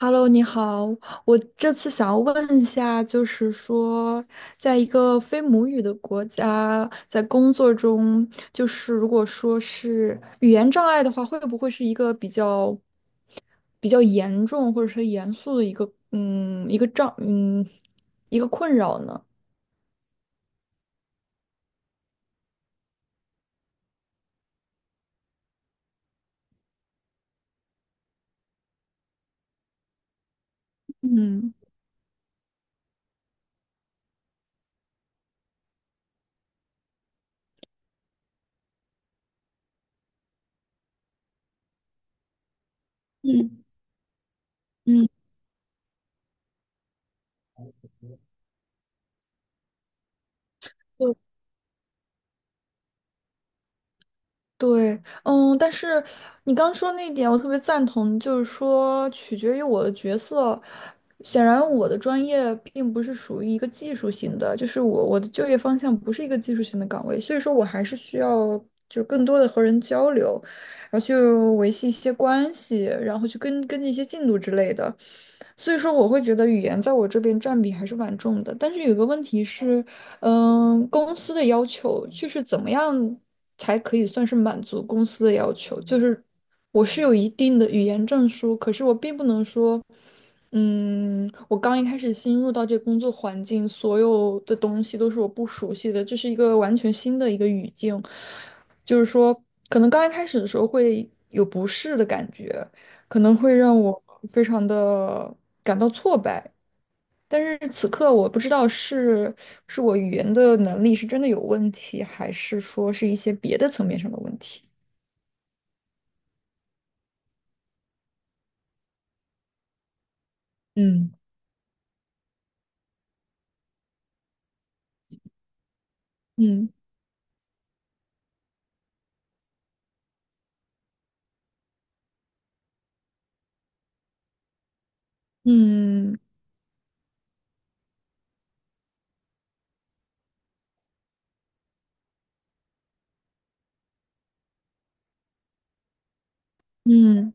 Hello，你好，我这次想要问一下，就是说，在一个非母语的国家，在工作中，就是如果说是语言障碍的话，会不会是一个比较严重或者是严肃的一个困扰呢？嗯。对，但是你刚说那一点，我特别赞同，就是说取决于我的角色。显然，我的专业并不是属于一个技术型的，就是我的就业方向不是一个技术型的岗位，所以说我还是需要就是更多的和人交流，然后去维系一些关系，然后去跟进一些进度之类的。所以说，我会觉得语言在我这边占比还是蛮重的。但是有个问题是，公司的要求就是怎么样才可以算是满足公司的要求？就是我是有一定的语言证书，可是我并不能说，我刚一开始新入到这个工作环境，所有的东西都是我不熟悉的，这是一个完全新的一个语境，就是说，可能刚一开始的时候会有不适的感觉，可能会让我非常的感到挫败。但是此刻我不知道是是我语言的能力是真的有问题，还是说是一些别的层面上的问题。嗯。嗯。嗯。嗯。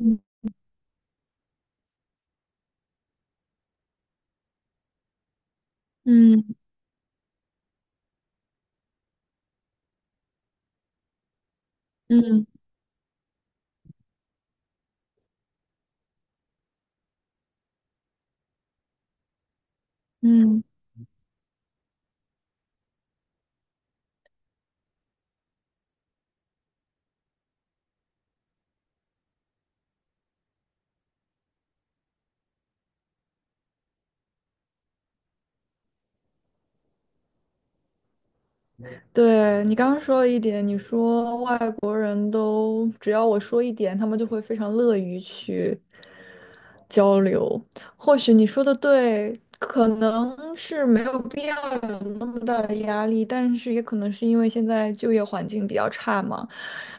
嗯。嗯。嗯。嗯。嗯。对，你刚刚说了一点，你说外国人都只要我说一点，他们就会非常乐于去交流。或许你说的对，可能是没有必要有那么大的压力，但是也可能是因为现在就业环境比较差嘛。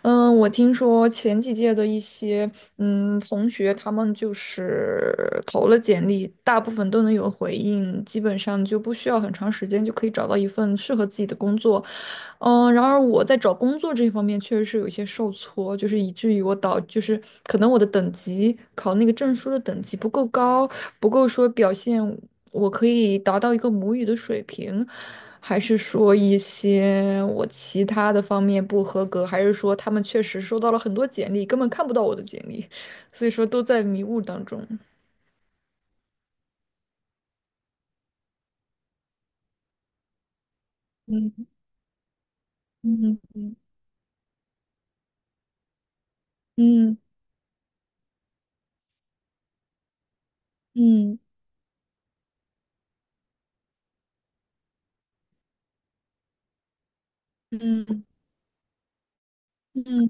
嗯，我听说前几届的一些同学，他们就是投了简历，大部分都能有回应，基本上就不需要很长时间就可以找到一份适合自己的工作。嗯，然而我在找工作这一方面确实是有一些受挫，就是以至于我导，就是可能我的等级考那个证书的等级不够高，不够说表现我可以达到一个母语的水平，还是说一些我其他的方面不合格，还是说他们确实收到了很多简历，根本看不到我的简历，所以说都在迷雾当中。嗯。嗯。嗯。嗯。嗯。嗯。嗯。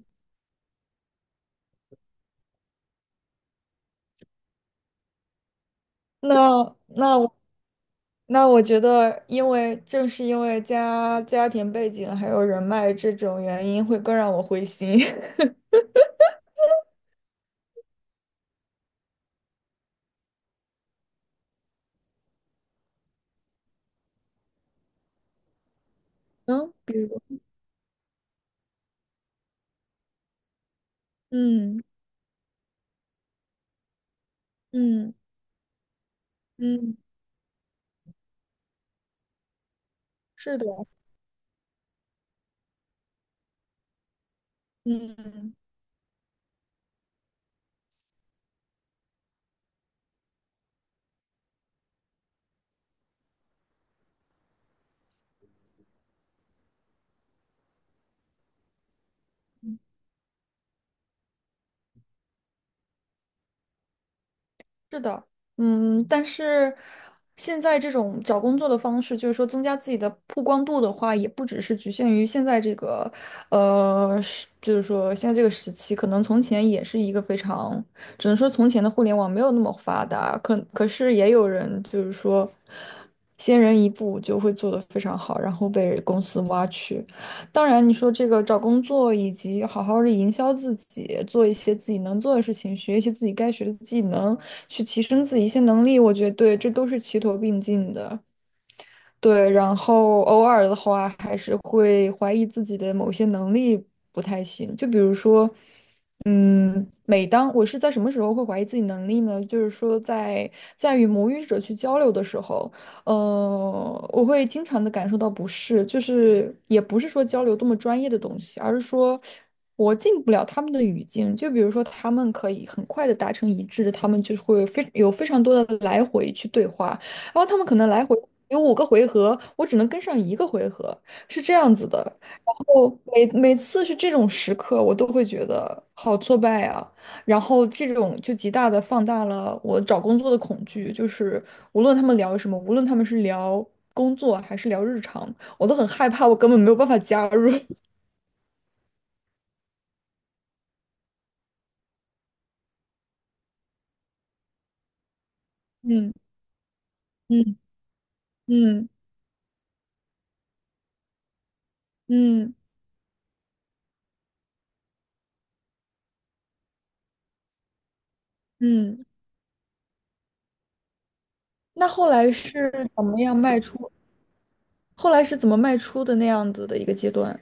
那那我那我觉得，因为正是因为家庭背景还有人脉这种原因，会更让我灰心。嗯，比如，嗯。嗯。嗯。是的，嗯。是的，嗯，但是现在这种找工作的方式，就是说增加自己的曝光度的话，也不只是局限于现在这个，是就是说现在这个时期，可能从前也是一个非常，只能说从前的互联网没有那么发达，可是也有人就是说，先人一步就会做得非常好，然后被公司挖去。当然，你说这个找工作以及好好的营销自己，做一些自己能做的事情，学一些自己该学的技能，去提升自己一些能力，我觉得对，这都是齐头并进的。对，然后偶尔的话，还是会怀疑自己的某些能力不太行。就比如说，每当我是在什么时候会怀疑自己能力呢？就是说在，在与母语者去交流的时候，我会经常的感受到不适，就是也不是说交流多么专业的东西，而是说我进不了他们的语境。就比如说，他们可以很快的达成一致，他们就会非常多的来回去对话。然后他们可能来回有五个回合，我只能跟上一个回合，是这样子的。然后每次是这种时刻，我都会觉得好挫败啊。然后这种就极大的放大了我找工作的恐惧，就是无论他们聊什么，无论他们是聊工作还是聊日常，我都很害怕，我根本没有办法加入。嗯。嗯。嗯。嗯。嗯。那后来是怎么样迈出？后来是怎么迈出的那样子的一个阶段？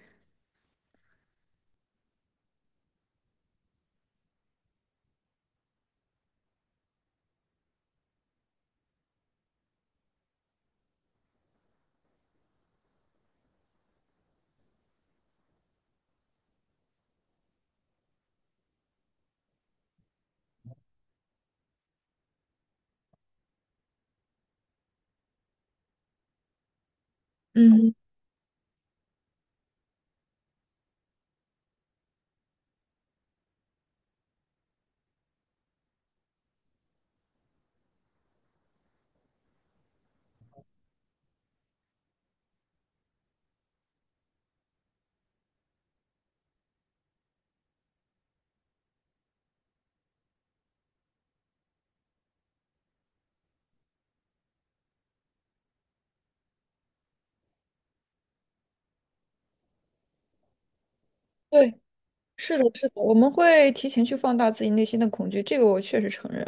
嗯，对。是的，是的，我们会提前去放大自己内心的恐惧，这个我确实承认。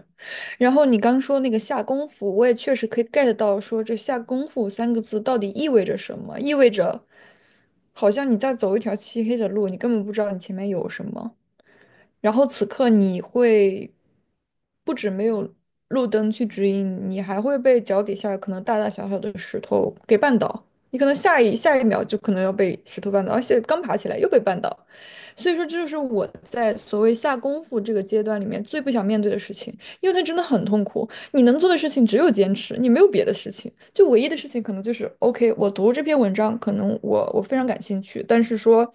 然后你刚说那个下功夫，我也确实可以 get 到，说这下功夫三个字到底意味着什么？意味着好像你在走一条漆黑的路，你根本不知道你前面有什么。然后此刻你会不止没有路灯去指引，你还会被脚底下可能大大小小的石头给绊倒。你可能下一秒就可能要被石头绊倒，而且刚爬起来又被绊倒。所以说，这就是我在所谓下功夫这个阶段里面最不想面对的事情，因为它真的很痛苦。你能做的事情只有坚持，你没有别的事情。就唯一的事情可能就是，OK,我读这篇文章，可能我非常感兴趣，但是说，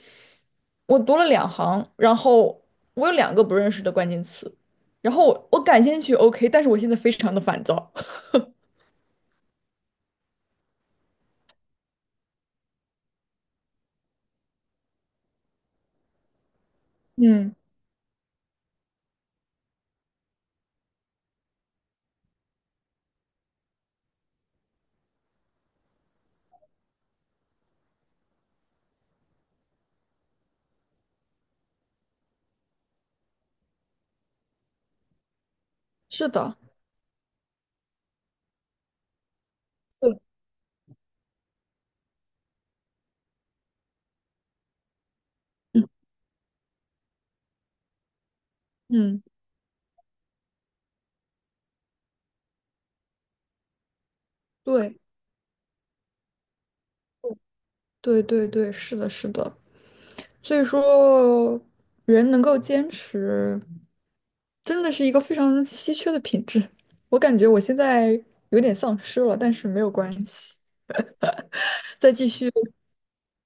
我读了两行，然后我有两个不认识的关键词，然后我感兴趣，OK,但是我现在非常的烦躁。嗯，是的，对，嗯，嗯，对，对对对，是的，是的。所以说，人能够坚持，真的是一个非常稀缺的品质。我感觉我现在有点丧失了，但是没有关系，再继续，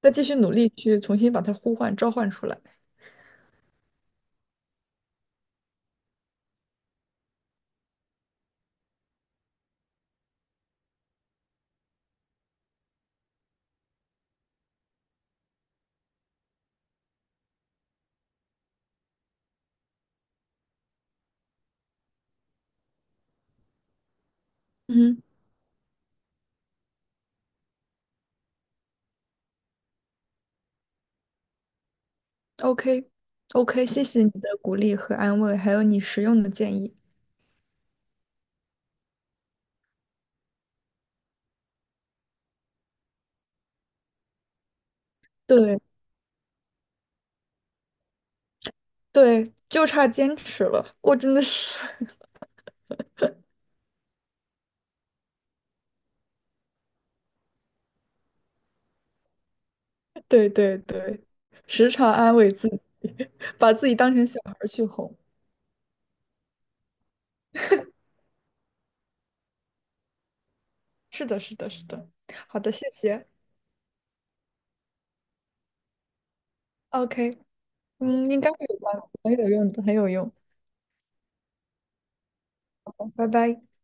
再继续努力去重新把它呼唤、召唤出来。嗯OK，OK，谢谢你的鼓励和安慰，还有你实用的建议。对对，就差坚持了。我真的是，对对对，时常安慰自己，把自己当成小孩儿去哄。是的，是的，是的。好的，谢谢。OK,嗯，应该会有吧，很有用的，很有用。好拜拜。